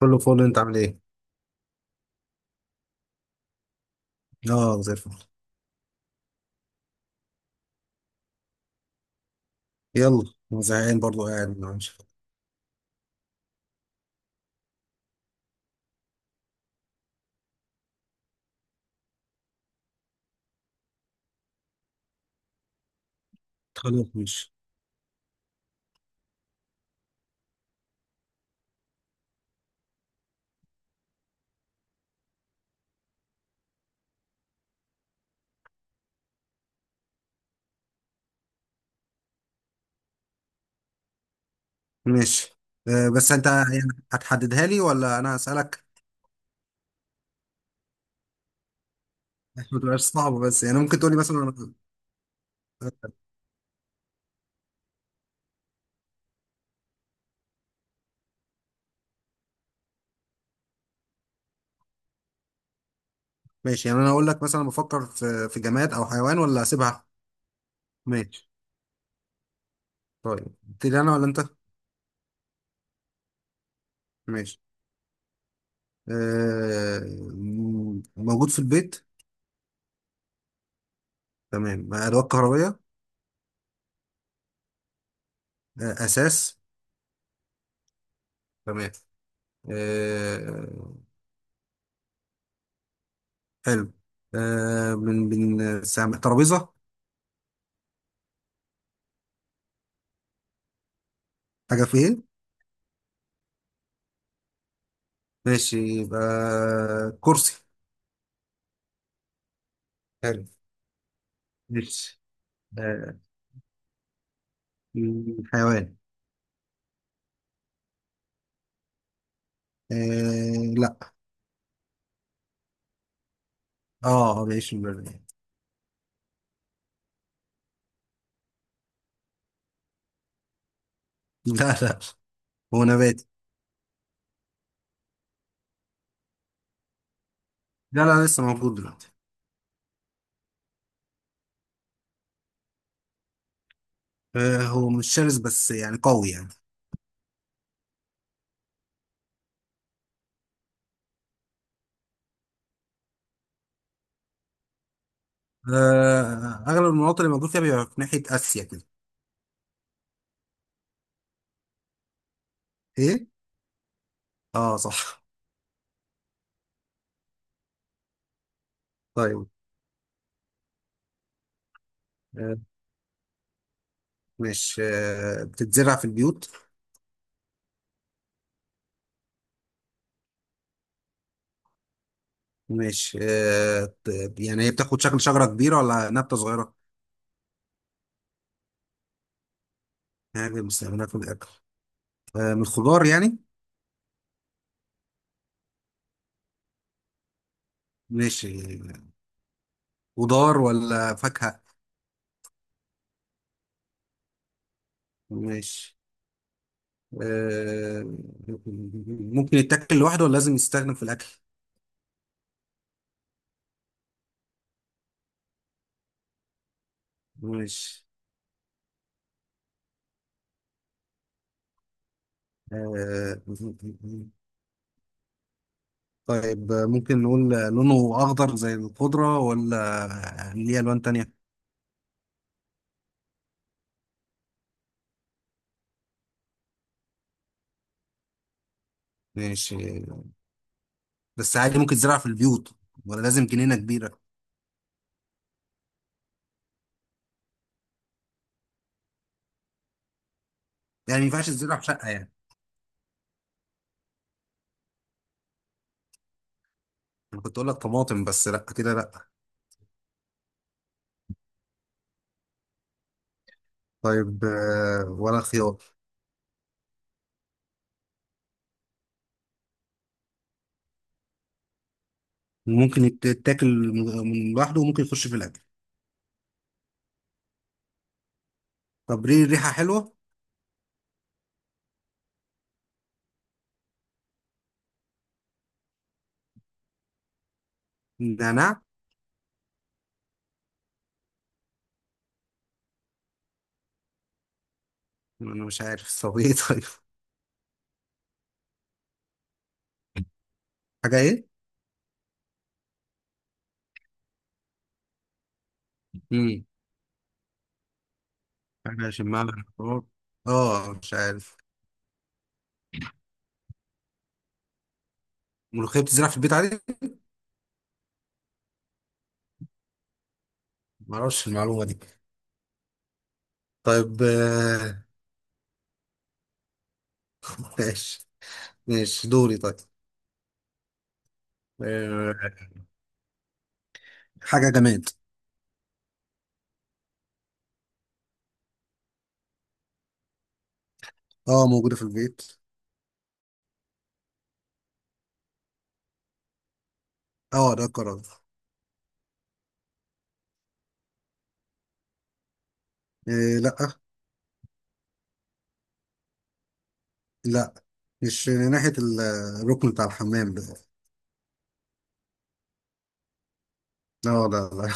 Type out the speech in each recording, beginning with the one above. كله فول. انت عامل ايه؟ اه، زي الفل. يلا انا زهقان برضه، قاعد ما عملش حاجة. خلاص ماشي. ماشي. بس انت يعني هتحددها لي ولا انا هسألك؟ عشان ما تبقاش صعبة، بس يعني ممكن تقول لي مثلا آه، ماشي. يعني انا اقول لك مثلا بفكر في جماد او حيوان ولا اسيبها؟ ماشي. طيب تبتدي انا ولا انت؟ ماشي. آه موجود في البيت. تمام، ادوات كهربية. آه، اساس. تمام. آه. حلو. آه، ترابيزة. حاجة في ايه؟ ماشي، يبقى كرسي. حلو. ماشي. آه، حيوان. آه لا. اه، بيعيش في البرية. لا لا، هو نباتي. لا لا، لسه موجود دلوقتي. آه، هو مش شرس بس يعني قوي يعني. آه، اغلب المناطق اللي موجود فيها بيبقى في ناحية اسيا كده. ايه؟ اه صح. طيب. آه ماشي. آه، بتتزرع في البيوت. ماشي. يعني هي بتاخد شكل شجرة كبيرة ولا نبتة صغيرة؟ يعني بنستخدمها في الأكل. آه، من الخضار يعني. ماشي. خضار ولا فاكهة؟ ماشي. آه، ممكن يتاكل لوحده ولا لازم يستخدم في الأكل؟ ماشي. آه، طيب ممكن نقول لونه أخضر زي الخضرة ولا ليه ألوان تانية؟ ماشي. بس عادي ممكن تزرع في البيوت ولا لازم جنينة كبيرة؟ يعني ما ينفعش تزرع في شقة يعني. أنا كنت أقول لك طماطم، بس لأ كده لأ. طيب آه، ولا خيار؟ ممكن يتاكل من لوحده وممكن يخش في الأكل؟ طب ليه ريحة حلوة؟ نعناع. انا مش عارف، طب ايه؟ طيب. حاجة ايه؟ امم. حاجة شمال الحوار. اه مش عارف. ملوخية بتزرع في البيت عادي؟ معرفش المعلومة دي. طيب آه، ماشي. ماشي، دوري. طيب آه، حاجة جماد. اه، موجودة في البيت. اه، ده قرار. آه، لا. لا، مش ناحية الركن بتاع الحمام ده. آه، لا لا لا.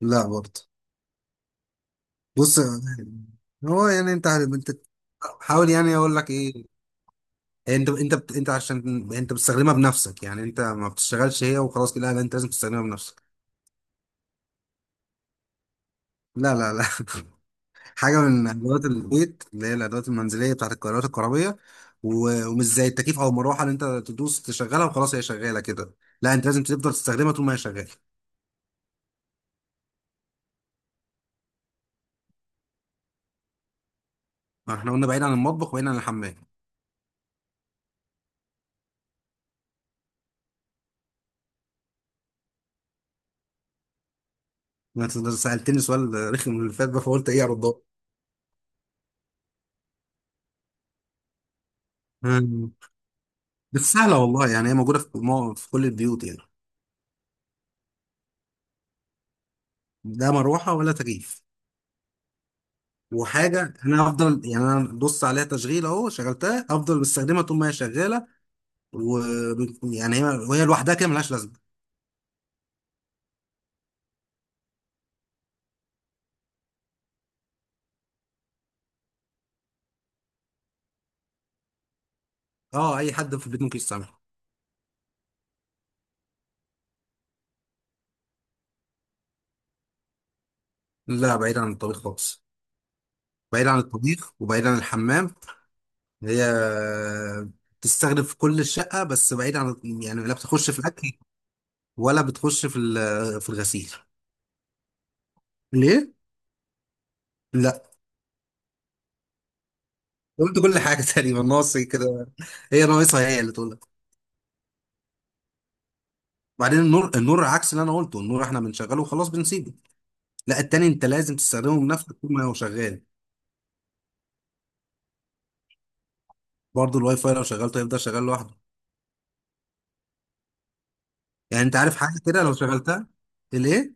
لا برضه. بص آه، هو يعني انت حاول يعني اقول لك ايه. انت عشان انت بتستخدمها بنفسك، يعني انت ما بتشتغلش هي وخلاص كده، لا انت لازم تستخدمها بنفسك. لا لا لا. حاجه من ادوات البيت اللي هي الادوات المنزليه بتاعت القراءات الكهربيه و... ومش زي التكييف او المروحه اللي انت تدوس تشغلها وخلاص هي شغاله كده، لا انت لازم تفضل تستخدمها طول ما هي شغاله. ما احنا قلنا بعيد عن المطبخ وبعيد عن الحمام. ما انت سالتني سؤال رخم اللي فات ده، فقلت ايه ارد. بس سهله والله، يعني هي موجوده في كل البيوت يعني. لا مروحه ولا تكييف. وحاجه انا هفضل يعني، انا بص عليها تشغيل اهو، شغلتها هفضل بستخدمها طول ما هي شغاله. و يعني هي وهي لوحدها كده ملهاش لازمه. اه، اي حد في البيت ممكن يستعملها. لا، بعيد عن الطبيخ خالص. بعيد عن الطبيخ وبعيد عن الحمام. هي تستخدم في كل الشقه، بس بعيد عن يعني، لا بتخش في الاكل ولا بتخش في في الغسيل. ليه؟ لا. قلت كل حاجه تقريبا، ناقص إيه كده؟ هي ناقصها، هي اللي تقولها. بعدين النور، النور عكس اللي انا قلته، النور احنا بنشغله وخلاص بنسيبه، لا التاني انت لازم تستخدمه بنفسك طول ما هو شغال. برضه الواي فاي لو شغلته هيفضل شغال لوحده. يعني انت عارف حاجه كده لو شغلتها. الايه؟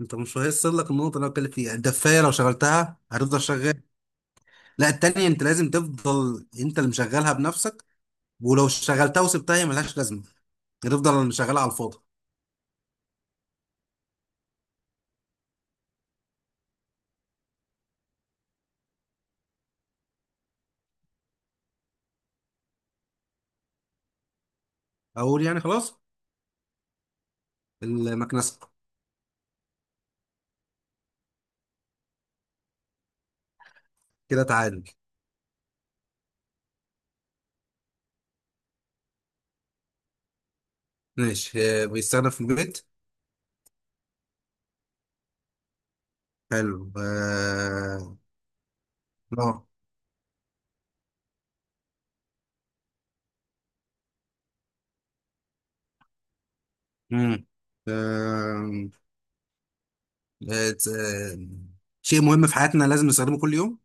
انت مش هيوصل لك النقطه اللي انا بتكلم فيها، الدفايه لو شغلتها هتفضل شغال. لا التانية انت لازم تفضل انت اللي مشغلها بنفسك، ولو شغلتها وسبتها هي ملهاش لازمه، هتفضل مشغلها على الفاضي. اقول يعني؟ خلاص، المكنسه. كده تعادل. ماشي. اه، بيستخدم في البيت. حلو. اه اه. مم. بقت، آه، شيء مهم في حياتنا لازم نستخدمه كل يوم.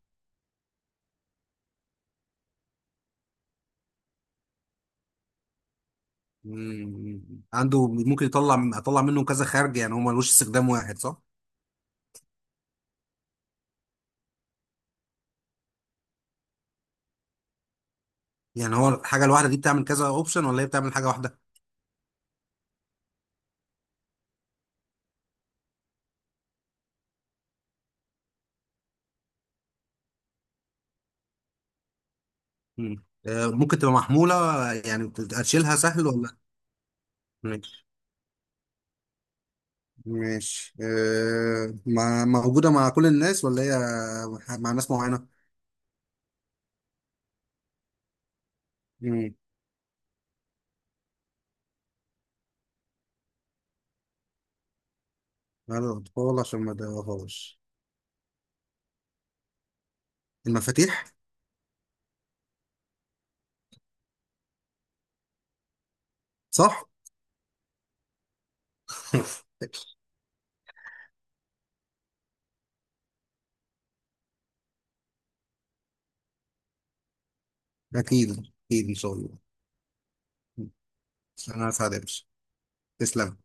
مم، عنده ممكن اطلع منه كذا خارج، يعني هو ملوش استخدام واحد صح؟ يعني هو الحاجه الواحده دي بتعمل كذا اوبشن ولا هي بتعمل حاجه واحده؟ مم. آه، ممكن تبقى محموله، آه، يعني اشيلها سهل ولا؟ ماشي. ماشي آه، موجوده مع كل الناس ولا هي مع ناس معينه؟ مم. مع الاطفال عشان ما ادوهاش. المفاتيح. صح. اكيد اكيد ان شاء الله. انا سعيد. تسلم.